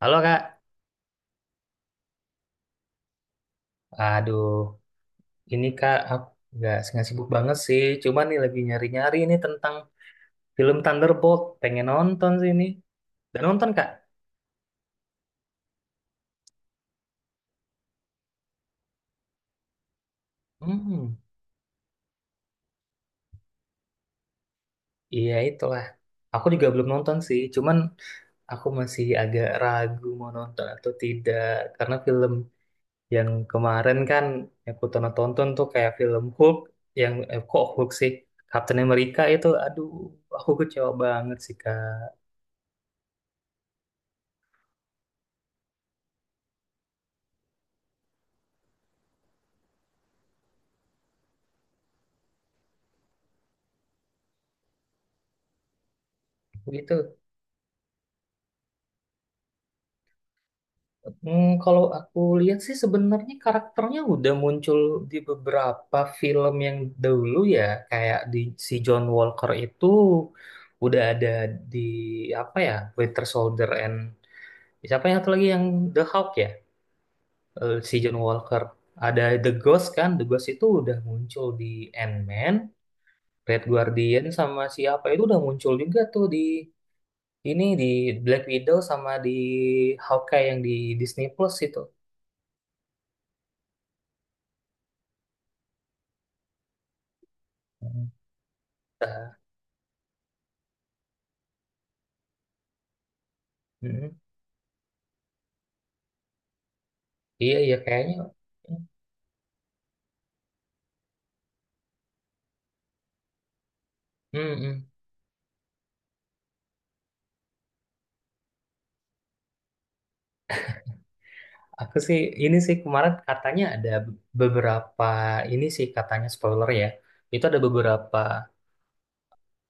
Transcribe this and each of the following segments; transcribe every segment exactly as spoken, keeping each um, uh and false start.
Halo Kak, aduh ini Kak aku nggak nggak sibuk banget sih, cuman nih lagi nyari-nyari ini tentang film Thunderbolt, pengen nonton sih ini. Dan nonton Kak? Hmm, iya itulah. Aku juga belum nonton sih, cuman aku masih agak ragu mau nonton atau tidak karena film yang kemarin kan yang aku tonton-tonton tuh kayak film Hulk yang eh, kok Hulk sih Captain America itu, aduh aku kecewa banget sih Kak. Gitu. Hmm, kalau aku lihat sih sebenarnya karakternya udah muncul di beberapa film yang dahulu ya, kayak di si John Walker itu udah ada di apa ya, Winter Soldier and siapa yang satu lagi yang The Hulk ya. Eh, si John Walker. Ada The Ghost kan, The Ghost itu udah muncul di Ant-Man, Red Guardian sama siapa itu udah muncul juga tuh di ini di Black Widow sama di Hawkeye yang di Disney Plus itu. Mm-mm. Iya, iya kayaknya. Mm-mm. Aku sih ini sih kemarin katanya ada beberapa ini sih katanya spoiler ya. Itu ada beberapa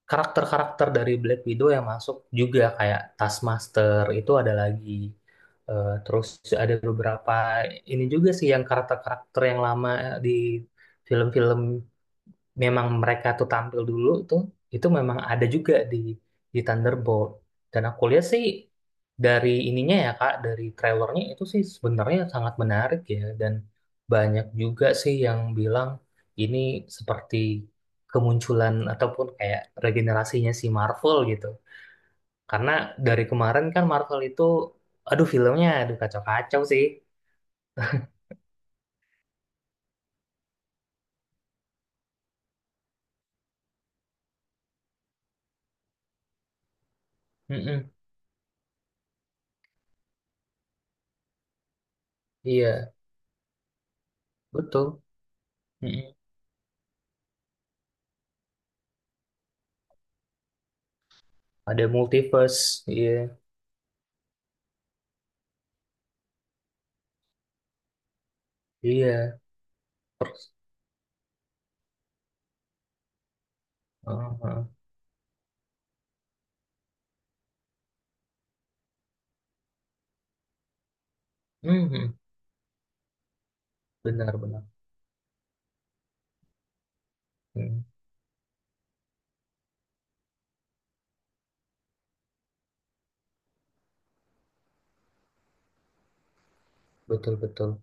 karakter-karakter dari Black Widow yang masuk juga kayak Taskmaster itu ada lagi. Eh, terus ada beberapa ini juga sih yang karakter-karakter yang lama di film-film memang mereka tuh tampil dulu tuh itu memang ada juga di di Thunderbolt dan aku lihat sih dari ininya ya Kak dari trailernya itu sih sebenarnya sangat menarik ya dan banyak juga sih yang bilang ini seperti kemunculan ataupun kayak regenerasinya si Marvel gitu karena dari kemarin kan Marvel itu aduh filmnya aduh kacau-kacau sih. Mm-mm. Iya betul. Mm-mm. Ada multiverse. Iya, iya. Terus. Oh, heeh. Mhm. Benar, benar. Mhm. Betul, betul.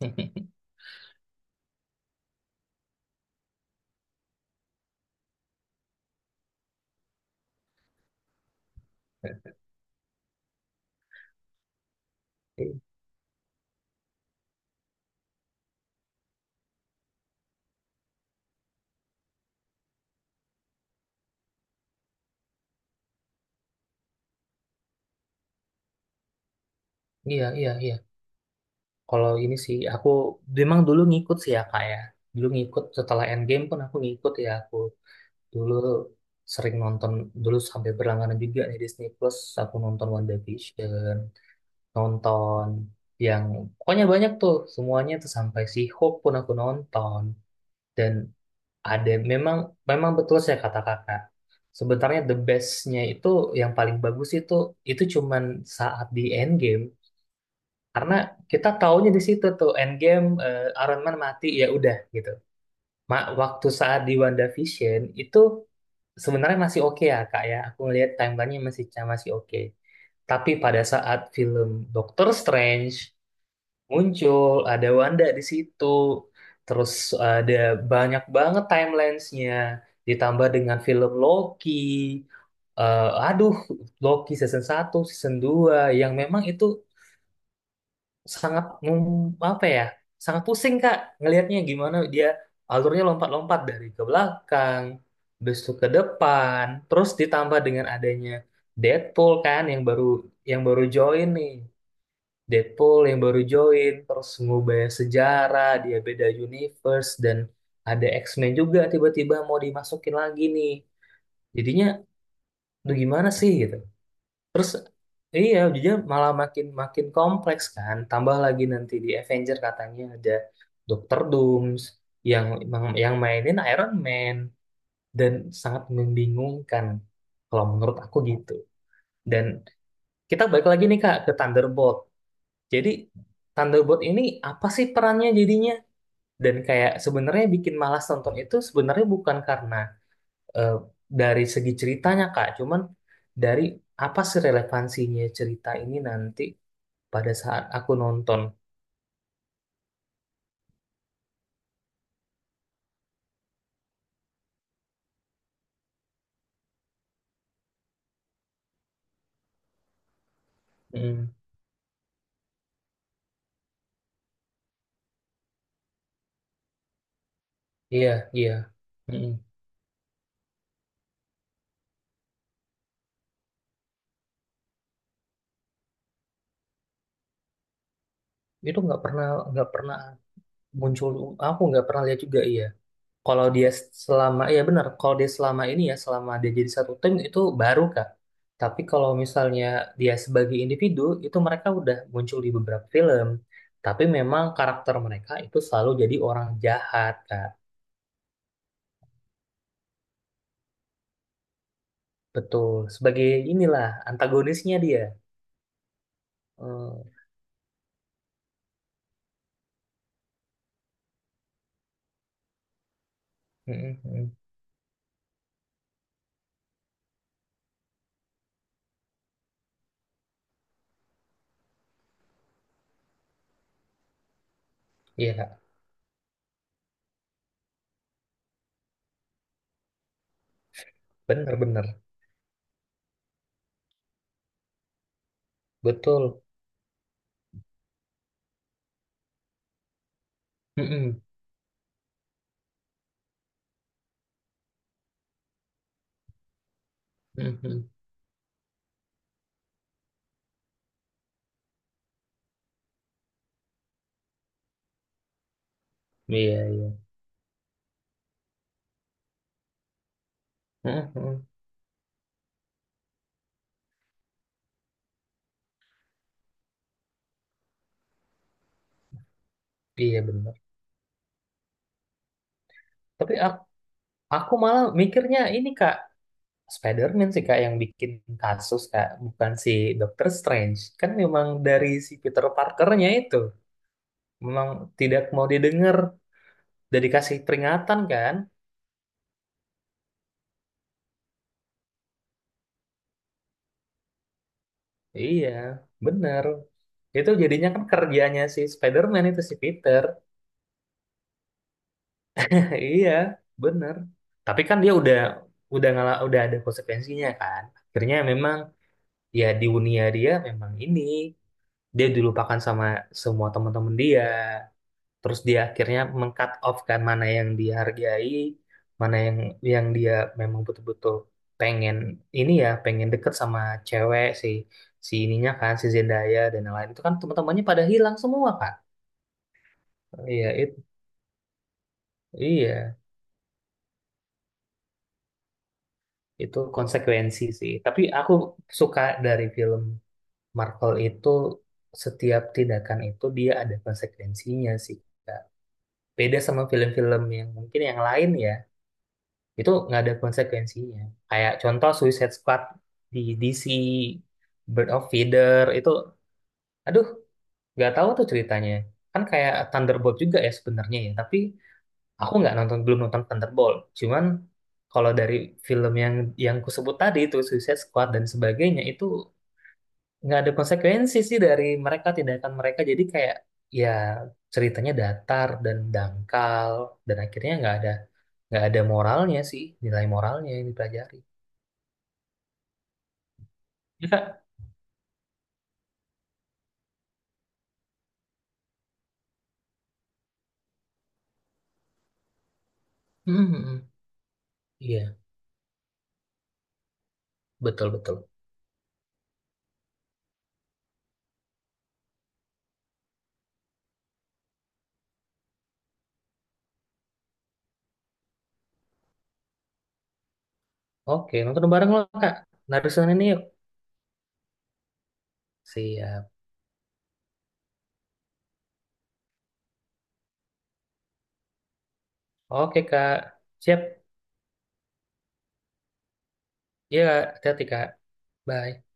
Iya, iya, iya. Kalau ini sih, aku memang dulu ngikut sih ya, Kak ya. Dulu ngikut, setelah Endgame pun aku ngikut ya. Aku dulu sering nonton, dulu sampai berlangganan juga nih Disney Plus. Aku nonton WandaVision, nonton yang... Pokoknya banyak tuh, semuanya tuh sampai si Hope pun aku nonton. Dan ada memang memang betul saya kata kakak. Sebenarnya the bestnya itu yang paling bagus itu itu cuman saat di end game karena kita taunya di situ tuh end game Iron Man mati ya udah gitu. Ma- waktu saat di WandaVision itu sebenarnya masih oke ya kak ya. Aku ngelihat timelinenya masih masih oke. Tapi pada saat film Doctor Strange muncul ada Wanda di situ terus ada banyak banget timelinesnya ditambah dengan film Loki. Eh, aduh Loki season satu season dua yang memang itu sangat mem- apa ya sangat pusing Kak ngelihatnya gimana dia alurnya lompat-lompat dari ke belakang habis itu ke depan terus ditambah dengan adanya Deadpool kan yang baru yang baru join nih Deadpool yang baru join, terus ngubah sejarah, dia beda universe, dan ada X-Men juga tiba-tiba mau dimasukin lagi nih. Jadinya, tuh gimana sih gitu. Terus, iya, jadinya malah makin makin kompleks kan. Tambah lagi nanti di Avenger katanya ada Doctor Dooms yang yang mainin Iron Man dan sangat membingungkan kalau menurut aku gitu. Dan kita balik lagi nih Kak ke Thunderbolt. Jadi Thunderbolt ini apa sih perannya jadinya? Dan kayak sebenarnya bikin malas nonton itu sebenarnya bukan karena eh, dari segi ceritanya Kak, cuman dari apa sih relevansinya cerita ini nanti pada saat aku nonton. Mm, iya, iya. Mm. Itu nggak pernah nggak pernah muncul aku nggak pernah lihat juga iya. Kalau dia selama, ya benar, kalau dia selama ini ya, selama dia jadi satu tim itu baru Kak. Tapi kalau misalnya dia sebagai individu, itu mereka udah muncul di beberapa film. Tapi memang karakter mereka itu selalu jadi orang jahat Kak. Betul, sebagai inilah antagonisnya dia. Hmm, mm, mm, mm. Iya Kak, benar-benar, betul. Mm, mm, mm, mm. Iya, iya. Mm, mm, mm. Iya benar. Tapi ak- aku malah mikirnya ini Kak, Spider-Man sih kak yang bikin kasus kak, bukan si Doctor Strange. Kan memang dari si Peter Parkernya itu memang tidak mau didengar, udah dikasih peringatan kan? Iya, bener. Itu jadinya kan kerjanya si Spider-Man itu si Peter. Iya, bener. Tapi kan dia udah udah ngala, udah ada konsekuensinya kan. Akhirnya memang ya di dunia dia memang ini dia dilupakan sama semua teman-teman dia. Terus dia akhirnya meng-cut off kan mana yang dihargai mana yang yang dia memang betul-betul pengen ini ya pengen deket sama cewek si si ininya kan si Zendaya dan lain lain itu kan teman-temannya pada hilang semua kan iya itu iya itu konsekuensi sih tapi aku suka dari film Marvel itu setiap tindakan itu dia ada konsekuensinya sih Kak. Beda sama film-film yang mungkin yang lain ya itu nggak ada konsekuensinya kayak contoh Suicide Squad di D C Bird of Feather itu aduh nggak tahu tuh ceritanya kan kayak Thunderbolt juga ya sebenarnya ya tapi aku nggak nonton belum nonton Thunderbolt cuman kalau dari film yang yang kusebut tadi itu Suicide Squad dan sebagainya itu nggak ada konsekuensi sih dari mereka tindakan mereka jadi kayak ya ceritanya datar dan dangkal dan akhirnya nggak ada nggak ada moralnya sih nilai moralnya yang dipelajari. Ya, Kak. Hmm, hmm. Iya, betul betul. Oke, nonton bareng loh, Kak. Narisan ini yuk. Siap. Oke, Kak. Siap. Iya, Kak. Hati-hati, Kak. Bye.